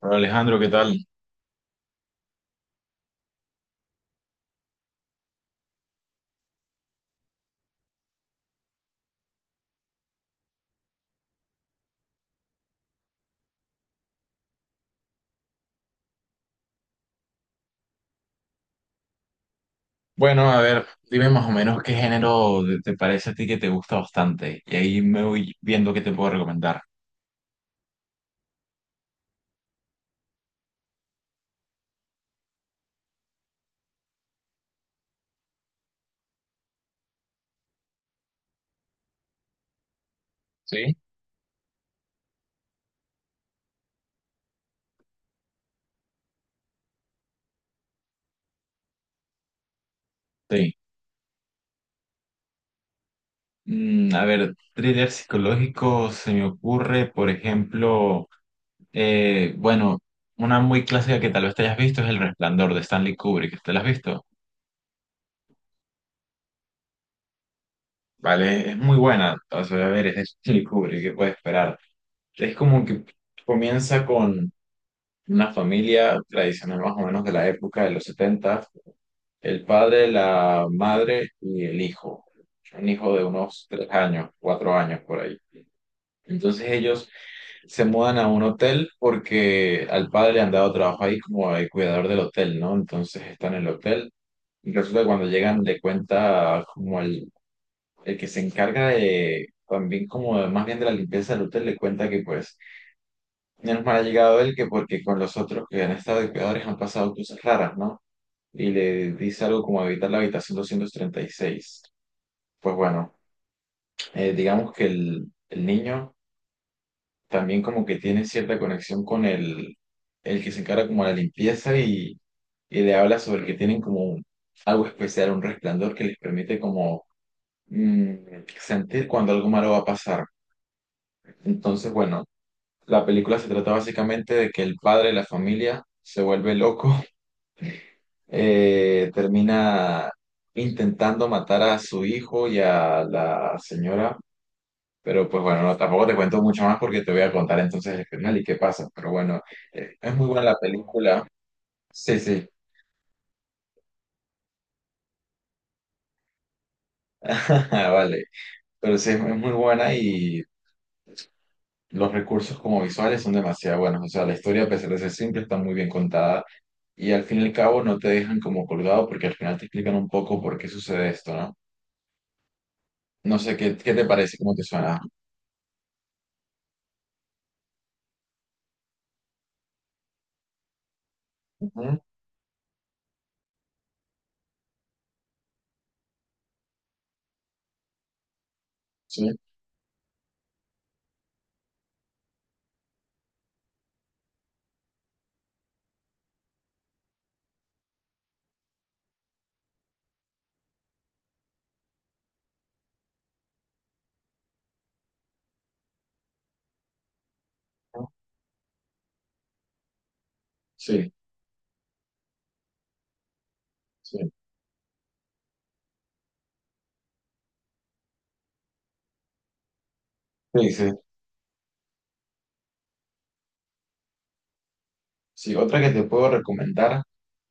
Hola, Alejandro, ¿qué tal? Bueno, a ver, dime más o menos te parece a ti que te gusta bastante y ahí me voy viendo qué te puedo recomendar. Sí. Sí. A ver, thriller psicológico se me ocurre, por ejemplo, eh, bueno, una muy clásica que tal vez te hayas visto es El Resplandor de Stanley Kubrick. ¿Te la has visto? Vale, es muy buena. O sea, a ver, es de Stanley Kubrick, ¿qué puedes esperar? Es como que comienza con una familia tradicional más o menos de la época de los 70. El padre, la madre y el hijo. Un hijo de unos tres años, cuatro años por ahí. Entonces ellos se mudan a un hotel porque al padre le han dado trabajo ahí como el cuidador del hotel, ¿no? Entonces están en el hotel. Y resulta que cuando llegan le cuenta como el que se encarga de también más bien de la limpieza del hotel, le cuenta que pues menos mal ha llegado él, que porque con los otros que han estado de cuidadores han pasado cosas raras, ¿no?, y le dice algo como habitar la habitación 236. Pues bueno, digamos que el niño también como que tiene cierta conexión con el que se encarga como de la limpieza, y le habla sobre que tienen algo especial, un resplandor que les permite como, mm, sentir cuando algo malo va a pasar. Entonces, bueno, la película se trata básicamente de que el padre de la familia se vuelve loco, termina intentando matar a su hijo y a la señora, pero pues bueno, no, tampoco te cuento mucho más porque te voy a contar entonces el final y qué pasa, pero bueno, es muy buena la película, sí, sí. Vale, pero sí, es muy buena, y los recursos como visuales son demasiado buenos. O sea, la historia, a pesar de ser simple, está muy bien contada. Y al fin y al cabo no te dejan como colgado porque al final te explican un poco por qué sucede esto, ¿no? No sé qué, qué te parece, cómo te suena. Ujú. Sí. Sí, sí, sí, sí. Sí, otra que te puedo recomendar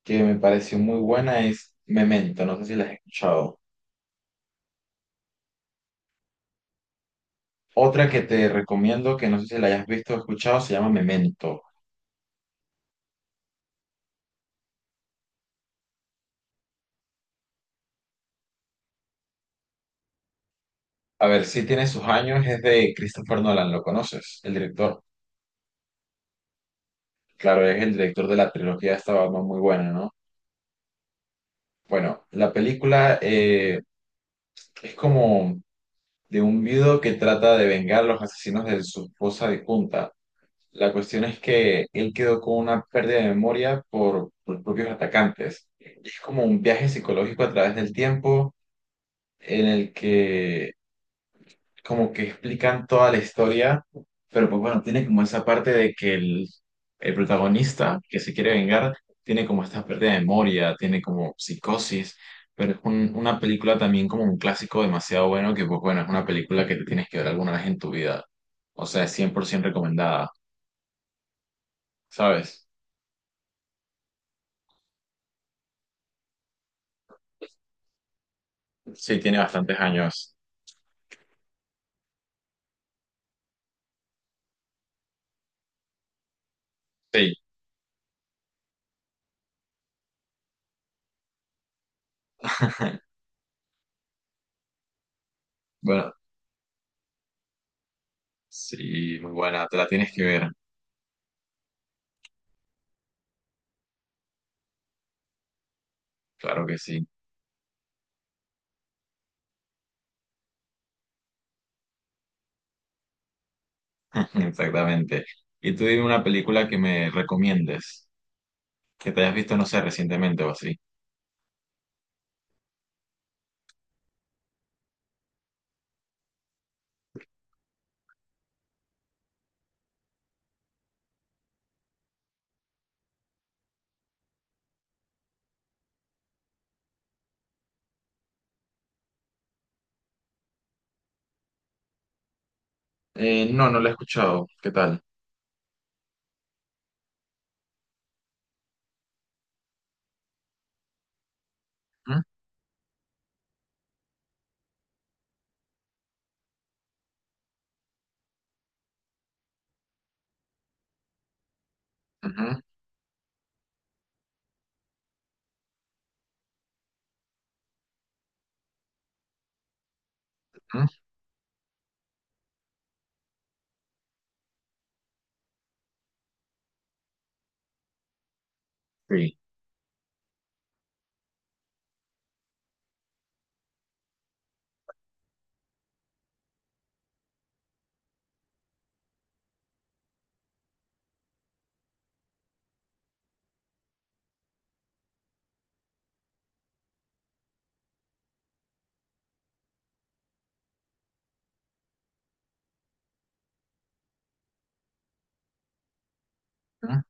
que me pareció muy buena es Memento, no sé si la has escuchado. Otra que te recomiendo que no sé si la hayas visto o escuchado se llama Memento. A ver, si tiene sus años, es de Christopher Nolan, ¿lo conoces? El director. Claro, es el director de la trilogía de esta Batman muy buena, ¿no? Bueno, la película, es como de un viudo que trata de vengar a los asesinos de su esposa difunta. La cuestión es que él quedó con una pérdida de memoria por los propios atacantes. Es como un viaje psicológico a través del tiempo en el que como que explican toda la historia, pero pues bueno, tiene como esa parte de que el protagonista que se quiere vengar tiene como esta pérdida de memoria, tiene como psicosis, pero es una película también como un clásico demasiado bueno que, pues bueno, es una película que te tienes que ver alguna vez en tu vida. O sea, es 100% recomendada, ¿sabes? Sí, tiene bastantes años. Sí. Bueno, sí, muy buena. Te la tienes que ver. Claro que sí. Exactamente. Y tú dime una película que me recomiendes, que te hayas visto, no sé, recientemente o así. No, no la he escuchado. ¿Qué tal? ¿Mm? Ujú, ujú. Sí. ¿Mm?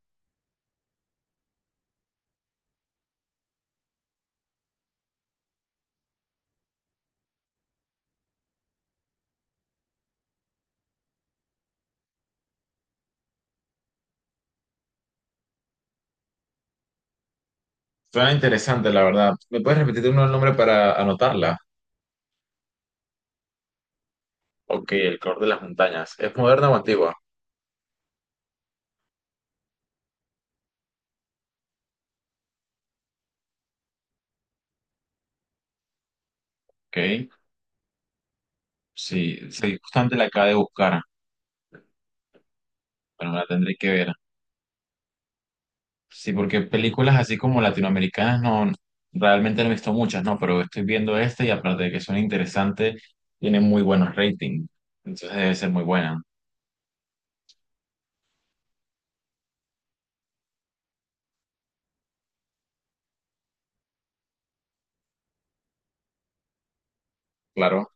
Suena interesante, la verdad. ¿Me puedes repetir uno el nombre para anotarla? Ok, El color de las montañas. ¿Es moderna o antigua? Ok, sí, sí, justamente la acabo de buscar, pero la tendré que ver. Sí, porque películas así como latinoamericanas no, realmente no he visto muchas, no, pero estoy viendo esta y aparte de que son interesantes, tienen muy buenos ratings. Entonces debe ser muy buena. Claro,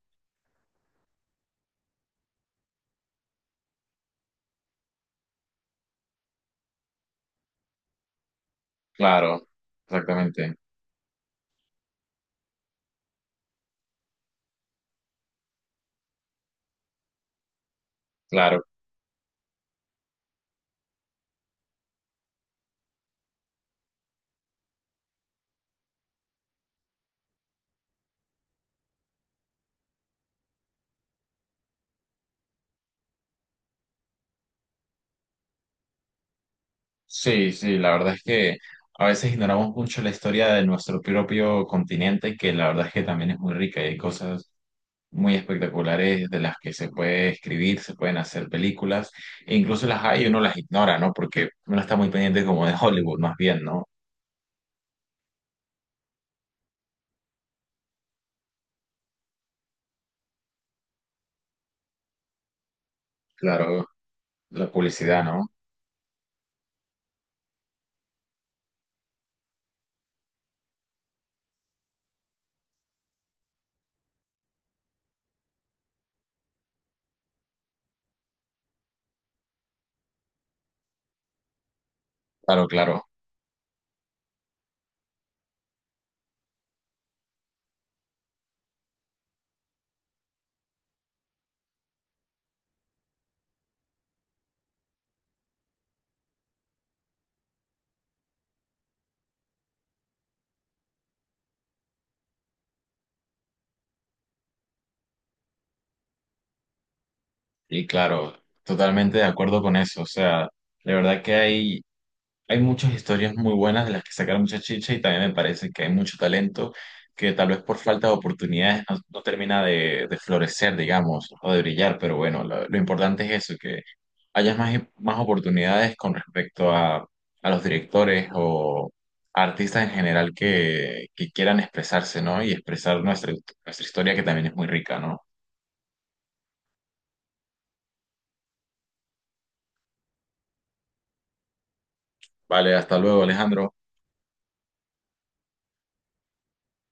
claro, exactamente, claro. Sí, sí, la verdad es que a veces ignoramos mucho la historia de nuestro propio continente, que la verdad es que también es muy rica, y hay cosas muy espectaculares de las que se puede escribir, se pueden hacer películas, e incluso las hay y uno las ignora, ¿no? Porque uno está muy pendiente como de Hollywood, más bien, ¿no? Claro, la publicidad, ¿no? Claro, claro. Y claro, totalmente de acuerdo con eso. O sea, de verdad que hay muchas historias muy buenas de las que sacar mucha chicha, y también me parece que hay mucho talento que tal vez por falta de oportunidades no, no termina de florecer, digamos, o de brillar. Pero bueno, lo importante es eso, que haya más, más oportunidades con respecto a los directores o a artistas en general que quieran expresarse, ¿no? Y expresar nuestra, nuestra historia que también es muy rica, ¿no? Vale, hasta luego, Alejandro.